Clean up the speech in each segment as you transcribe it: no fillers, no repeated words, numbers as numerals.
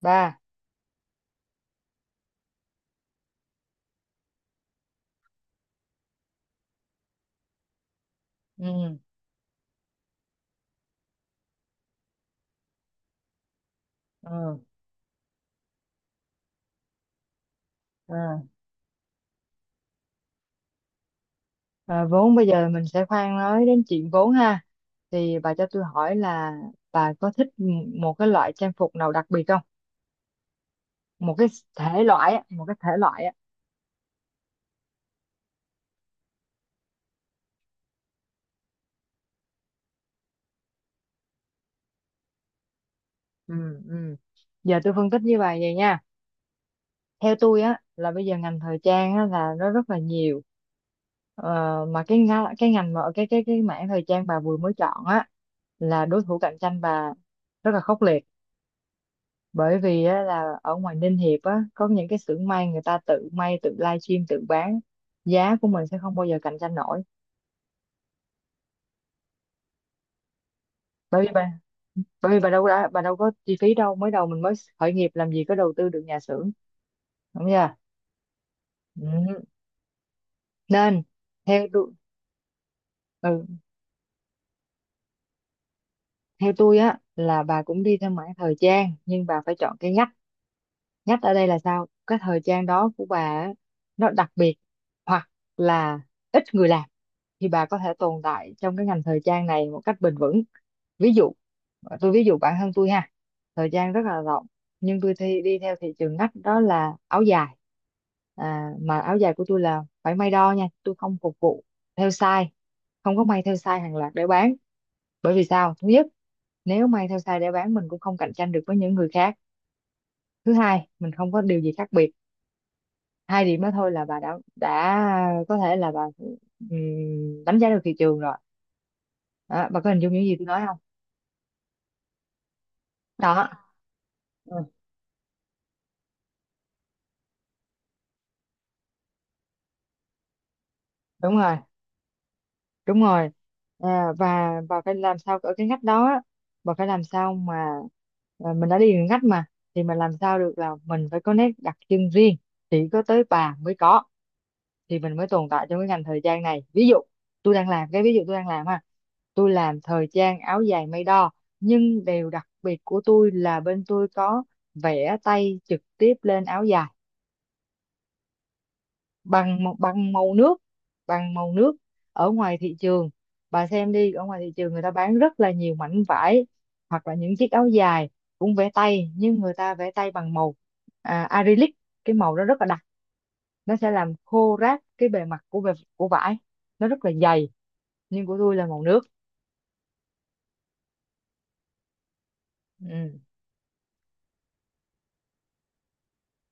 Ba ừ ừ ừ à, Vốn bây giờ mình sẽ khoan nói đến chuyện vốn ha, thì bà cho tôi hỏi là bà có thích một cái loại trang phục nào đặc biệt không, một cái thể loại á, một cái thể loại á. ừ ừ Giờ tôi phân tích với bà vậy nha. Theo tôi á, là bây giờ ngành thời trang á, là nó rất là nhiều. Ờ, mà cái ngành mà cái mảng thời trang bà vừa mới chọn á, là đối thủ cạnh tranh bà rất là khốc liệt. Bởi vì á, là ở ngoài Ninh Hiệp á có những cái xưởng may, người ta tự may tự livestream tự bán, giá của mình sẽ không bao giờ cạnh tranh nổi. Bởi vì bà bởi vì bà đâu đã, bà đâu có chi phí đâu, mới đầu mình mới khởi nghiệp làm gì có đầu tư được nhà xưởng, đúng chưa? Ừ. Nên theo tôi, ừ, theo tôi á, là bà cũng đi theo mảng thời trang nhưng bà phải chọn cái ngách. Nhất ở đây là sao? Cái thời trang đó của bà á, nó đặc biệt, hoặc là ít người làm, thì bà có thể tồn tại trong cái ngành thời trang này một cách bền vững. Ví dụ, tôi ví dụ bản thân tôi ha, thời trang rất là rộng, nhưng tôi đi theo thị trường ngách đó là áo dài. À, mà áo dài của tôi là phải may đo nha, tôi không phục vụ theo size, không có may theo size hàng loạt để bán. Bởi vì sao? Thứ nhất, nếu may theo size để bán mình cũng không cạnh tranh được với những người khác. Thứ hai, mình không có điều gì khác biệt. Hai điểm đó thôi là bà đã có thể là bà đánh giá được thị trường rồi đó, bà có hình dung những gì tôi nói không? Đó. ừ, Đúng rồi, đúng rồi. À, và phải làm sao ở cái ngách đó á, và phải làm sao mà, à, mình đã đi đường ngách mà, thì mình làm sao được là mình phải có nét đặc trưng riêng, chỉ có tới bà mới có, thì mình mới tồn tại trong cái ngành thời trang này. Ví dụ tôi đang làm, cái ví dụ tôi đang làm ha, tôi làm thời trang áo dài may đo, nhưng điều đặc biệt của tôi là bên tôi có vẽ tay trực tiếp lên áo dài, bằng màu nước, bằng màu nước. Ở ngoài thị trường, bà xem đi, ở ngoài thị trường người ta bán rất là nhiều mảnh vải hoặc là những chiếc áo dài cũng vẽ tay, nhưng người ta vẽ tay bằng màu, acrylic. Cái màu đó rất là đặc, nó sẽ làm khô ráp cái bề mặt của của vải, nó rất là dày. Nhưng của tôi là màu nước. ừ,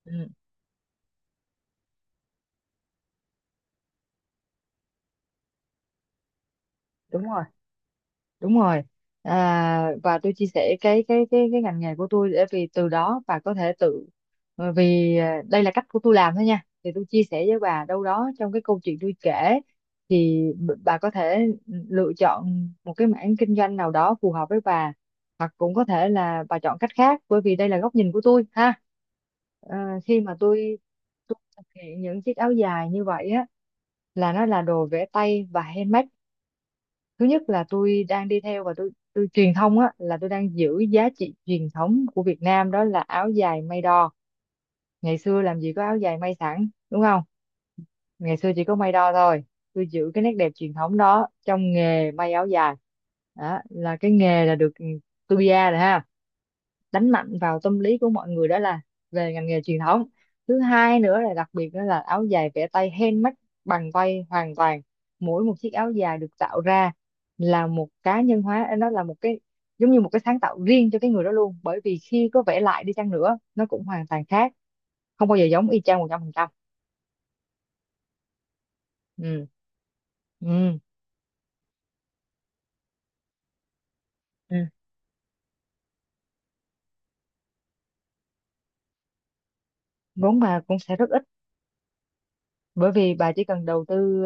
ừ, Đúng rồi, đúng rồi. À, và tôi chia sẻ cái ngành nghề của tôi để vì từ đó bà có thể tự, bởi vì à, đây là cách của tôi làm thôi nha, thì tôi chia sẻ với bà đâu đó trong cái câu chuyện tôi kể, thì bà có thể lựa chọn một cái mảng kinh doanh nào đó phù hợp với bà, hoặc cũng có thể là bà chọn cách khác, bởi vì đây là góc nhìn của tôi ha. À, khi mà tôi thực hiện những chiếc áo dài như vậy á, là nó là đồ vẽ tay và handmade. Thứ nhất là tôi đang đi theo và tôi truyền thông á, là tôi đang giữ giá trị truyền thống của Việt Nam, đó là áo dài may đo. Ngày xưa làm gì có áo dài may sẵn, đúng không? Ngày xưa chỉ có may đo thôi. Tôi giữ cái nét đẹp truyền thống đó trong nghề may áo dài, đó là cái nghề là được. Tôi bia rồi ha, đánh mạnh vào tâm lý của mọi người, đó là về ngành nghề truyền thống. Thứ hai nữa là đặc biệt, đó là áo dài vẽ tay handmade, bằng tay hoàn toàn. Mỗi một chiếc áo dài được tạo ra là một cá nhân hóa, nó là một cái giống như một cái sáng tạo riêng cho cái người đó luôn, bởi vì khi có vẽ lại đi chăng nữa nó cũng hoàn toàn khác, không bao giờ giống y chang một trăm phần trăm. ừ ừ Ừ. Vốn mà cũng sẽ rất ít, bởi vì bà chỉ cần đầu tư,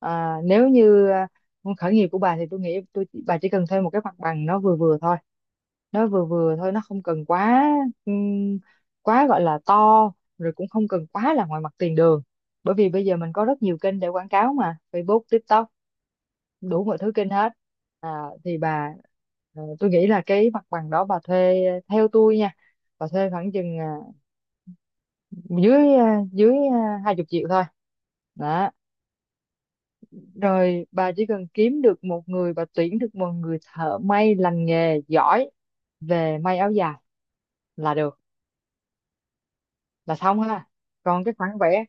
nếu như muốn khởi nghiệp của bà thì tôi nghĩ bà chỉ cần thuê một cái mặt bằng, nó vừa vừa thôi, nó vừa vừa thôi, nó không cần quá, ừm, quá gọi là to, rồi cũng không cần quá là ngoài mặt tiền đường, bởi vì bây giờ mình có rất nhiều kênh để quảng cáo mà, Facebook TikTok đủ mọi thứ kênh hết. À, thì bà, tôi nghĩ là cái mặt bằng đó bà thuê, theo tôi nha, bà thuê khoảng chừng dưới hai chục triệu thôi. Đó. Rồi bà chỉ cần kiếm được một người, bà tuyển được một người thợ may lành nghề giỏi về may áo dài là được, là xong ha. Còn cái khoản vẽ,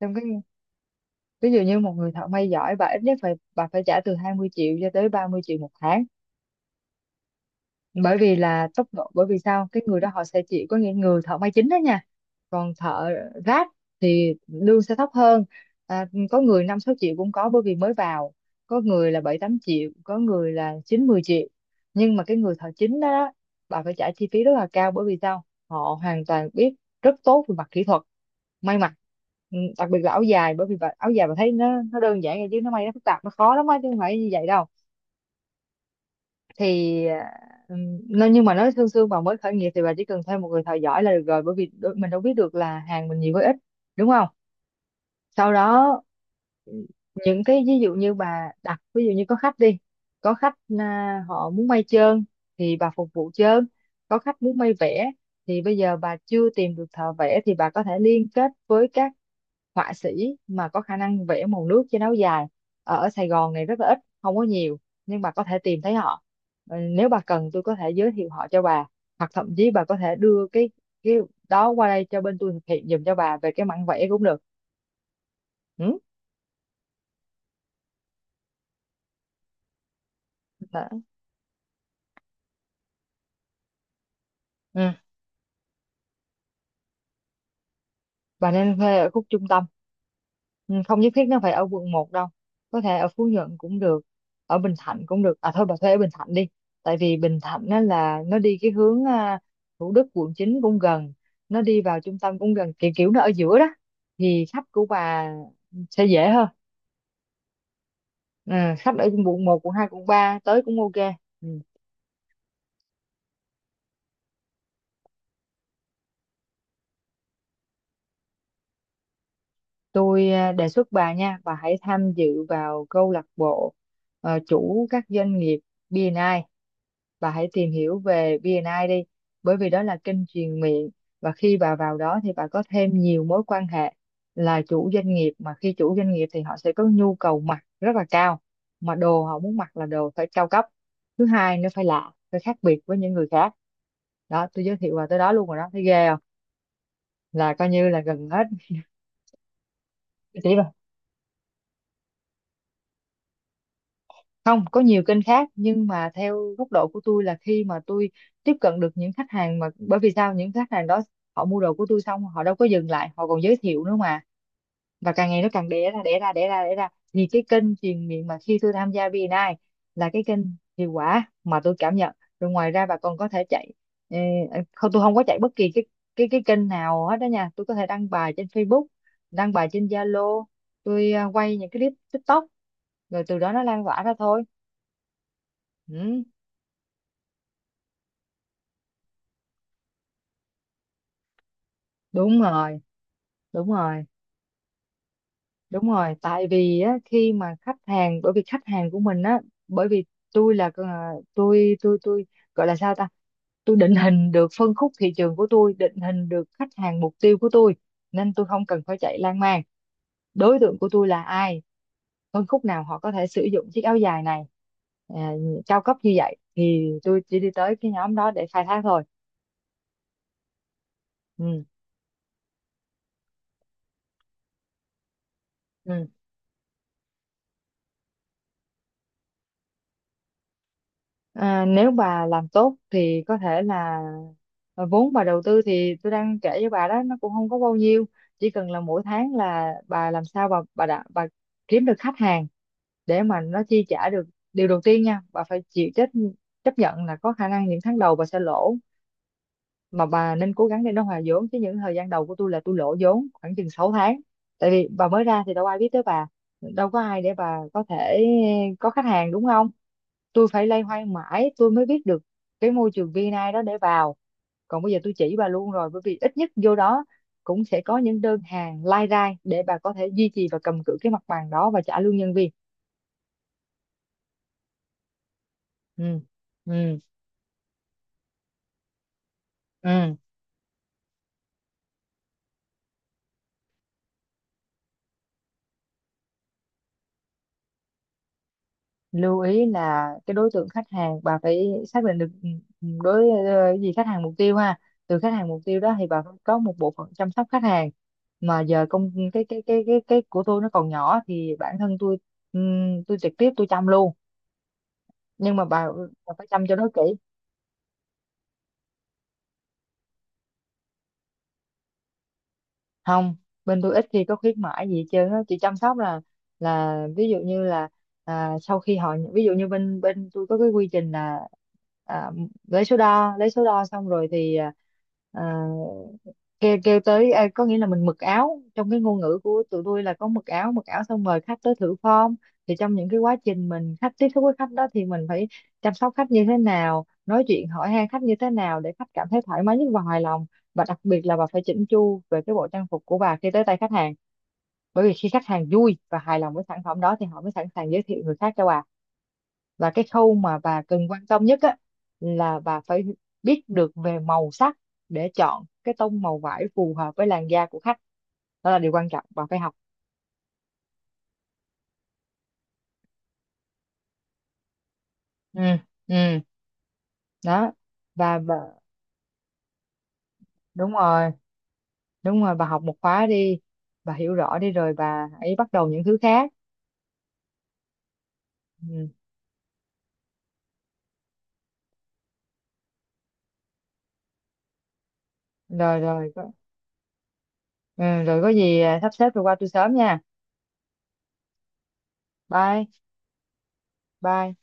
trong cái ví dụ như một người thợ may giỏi, bà ít nhất phải, bà phải trả từ 20 triệu cho tới 30 triệu một tháng, bởi vì là tốc độ, bởi vì sao, cái người đó họ sẽ chỉ có những người thợ may chính đó nha. Còn thợ ráp thì lương sẽ thấp hơn, à, có người năm sáu triệu cũng có bởi vì mới vào, có người là bảy tám triệu, có người là chín mười triệu. Nhưng mà cái người thợ chính đó đó, bà phải trả chi phí rất là cao, bởi vì sao, họ hoàn toàn biết rất tốt về mặt kỹ thuật may mặc. Ừ, đặc biệt là áo dài, bởi vì bà, áo dài bà thấy nó đơn giản vậy chứ nó may nó phức tạp, nó khó lắm á, chứ không phải như vậy đâu. Thì ừ, nhưng mà nói sương sương, bà mới khởi nghiệp thì bà chỉ cần thêm một người thợ giỏi là được rồi, bởi vì mình đâu biết được là hàng mình nhiều hay ít, đúng không? Sau đó những cái ví dụ như bà đặt, ví dụ như có khách đi, có khách à, họ muốn may trơn thì bà phục vụ trơn, có khách muốn may vẽ thì bây giờ bà chưa tìm được thợ vẽ, thì bà có thể liên kết với các họa sĩ mà có khả năng vẽ màu nước trên áo dài, ở Sài Gòn này rất là ít, không có nhiều, nhưng bà có thể tìm thấy họ. Ừ, nếu bà cần tôi có thể giới thiệu họ cho bà, hoặc thậm chí bà có thể đưa cái đó qua đây cho bên tôi thực hiện giùm cho bà về cái mảng vẽ cũng được. Ừ. Đã. Ừ. Bà nên thuê ở khúc trung tâm. Ừ, không nhất thiết nó phải ở quận một đâu. Có thể ở Phú Nhuận cũng được, ở Bình Thạnh cũng được. À thôi bà thuê ở Bình Thạnh đi. Tại vì Bình Thạnh nó là nó đi cái hướng à, Thủ Đức quận 9 cũng gần, nó đi vào trung tâm cũng gần, kiểu kiểu nó ở giữa đó. Thì khách của bà sẽ dễ hơn. Ừ, khách ở quận một quận 2, quận 3 tới cũng ok. Ừ. Tôi đề xuất bà nha, bà hãy tham dự vào câu lạc bộ chủ các doanh nghiệp B&I. Bà hãy tìm hiểu về BNI đi, bởi vì đó là kênh truyền miệng, và khi bà vào đó thì bà có thêm nhiều mối quan hệ là chủ doanh nghiệp. Mà khi chủ doanh nghiệp thì họ sẽ có nhu cầu mặc rất là cao, mà đồ họ muốn mặc là đồ phải cao cấp. Thứ hai nó phải lạ, phải khác biệt với những người khác. Đó, tôi giới thiệu bà tới đó luôn rồi đó, thấy ghê không, là coi như là gần hết. Chỉ không có nhiều kênh khác, nhưng mà theo góc độ của tôi là khi mà tôi tiếp cận được những khách hàng, mà bởi vì sao, những khách hàng đó họ mua đồ của tôi xong họ đâu có dừng lại, họ còn giới thiệu nữa mà. Và càng ngày nó càng đẻ ra đẻ ra đẻ ra đẻ ra, thì cái kênh truyền miệng mà khi tôi tham gia VNI là cái kênh hiệu quả mà tôi cảm nhận. Rồi ngoài ra bà còn có thể chạy ờ, không, tôi không có chạy bất kỳ cái kênh nào hết đó nha. Tôi có thể đăng bài trên Facebook, đăng bài trên Zalo, tôi quay những cái clip TikTok, rồi từ đó nó lan tỏa ra thôi, ừ. Đúng rồi, đúng rồi, đúng rồi. Tại vì á, khi mà khách hàng, bởi vì khách hàng của mình á, bởi vì tôi gọi là sao ta, tôi định hình được phân khúc thị trường của tôi, định hình được khách hàng mục tiêu của tôi, nên tôi không cần phải chạy lan man. Đối tượng của tôi là ai, phân khúc nào họ có thể sử dụng chiếc áo dài này à, cao cấp như vậy, thì tôi chỉ đi tới cái nhóm đó để khai thác thôi. Ừ, ừ. À, nếu bà làm tốt thì có thể là vốn bà đầu tư thì tôi đang kể với bà đó, nó cũng không có bao nhiêu. Chỉ cần là mỗi tháng là bà làm sao bà kiếm được khách hàng để mà nó chi trả được. Điều đầu tiên nha, bà phải chịu trách chấp nhận là có khả năng những tháng đầu bà sẽ lỗ, mà bà nên cố gắng để nó hòa vốn. Chứ những thời gian đầu của tôi là tôi lỗ vốn khoảng chừng 6 tháng. Tại vì bà mới ra thì đâu ai biết tới bà, đâu có ai để bà có thể có khách hàng, đúng không. Tôi phải loay hoay mãi tôi mới biết được cái môi trường VNI đó để vào, còn bây giờ tôi chỉ bà luôn rồi, bởi vì ít nhất vô đó cũng sẽ có những đơn hàng lai rai để bà có thể duy trì và cầm cự cái mặt bằng đó và trả lương nhân viên. Ừ, ừ, ừ. Lưu ý là cái đối tượng khách hàng bà phải xác định được, ừ, ừ, đối ờ, gì khách hàng mục tiêu ha. Từ khách hàng mục tiêu đó thì bà phải có một bộ phận chăm sóc khách hàng. Mà giờ công cái của tôi nó còn nhỏ thì bản thân tôi, tôi trực tiếp tôi chăm luôn. Nhưng mà bà phải chăm cho nó kỹ. Không, bên tôi ít khi có khuyến mãi gì hết trơn á, chị chăm sóc là ví dụ như là sau khi họ, ví dụ như bên bên tôi có cái quy trình là, à, lấy số đo, xong rồi thì à, kêu kêu tới, có nghĩa là mình mặc áo, trong cái ngôn ngữ của tụi tôi là có mặc áo, mặc áo xong mời khách tới thử form. Thì trong những cái quá trình mình khách tiếp xúc với khách đó thì mình phải chăm sóc khách như thế nào, nói chuyện hỏi han khách như thế nào để khách cảm thấy thoải mái nhất và hài lòng. Và đặc biệt là bà phải chỉnh chu về cái bộ trang phục của bà khi tới tay khách hàng, bởi vì khi khách hàng vui và hài lòng với sản phẩm đó thì họ mới sẵn sàng giới thiệu người khác cho bà. Và cái khâu mà bà cần quan tâm nhất á là bà phải biết được về màu sắc, để chọn cái tông màu vải phù hợp với làn da của khách. Đó là điều quan trọng, bà phải học. Ừ, ừ, đó. Và bà, đúng rồi, đúng rồi, bà học một khóa đi, bà hiểu rõ đi rồi bà hãy bắt đầu những thứ khác. Ừ. Rồi, rồi, ừ, rồi có gì sắp xếp rồi qua tôi sớm nha. Bye bye.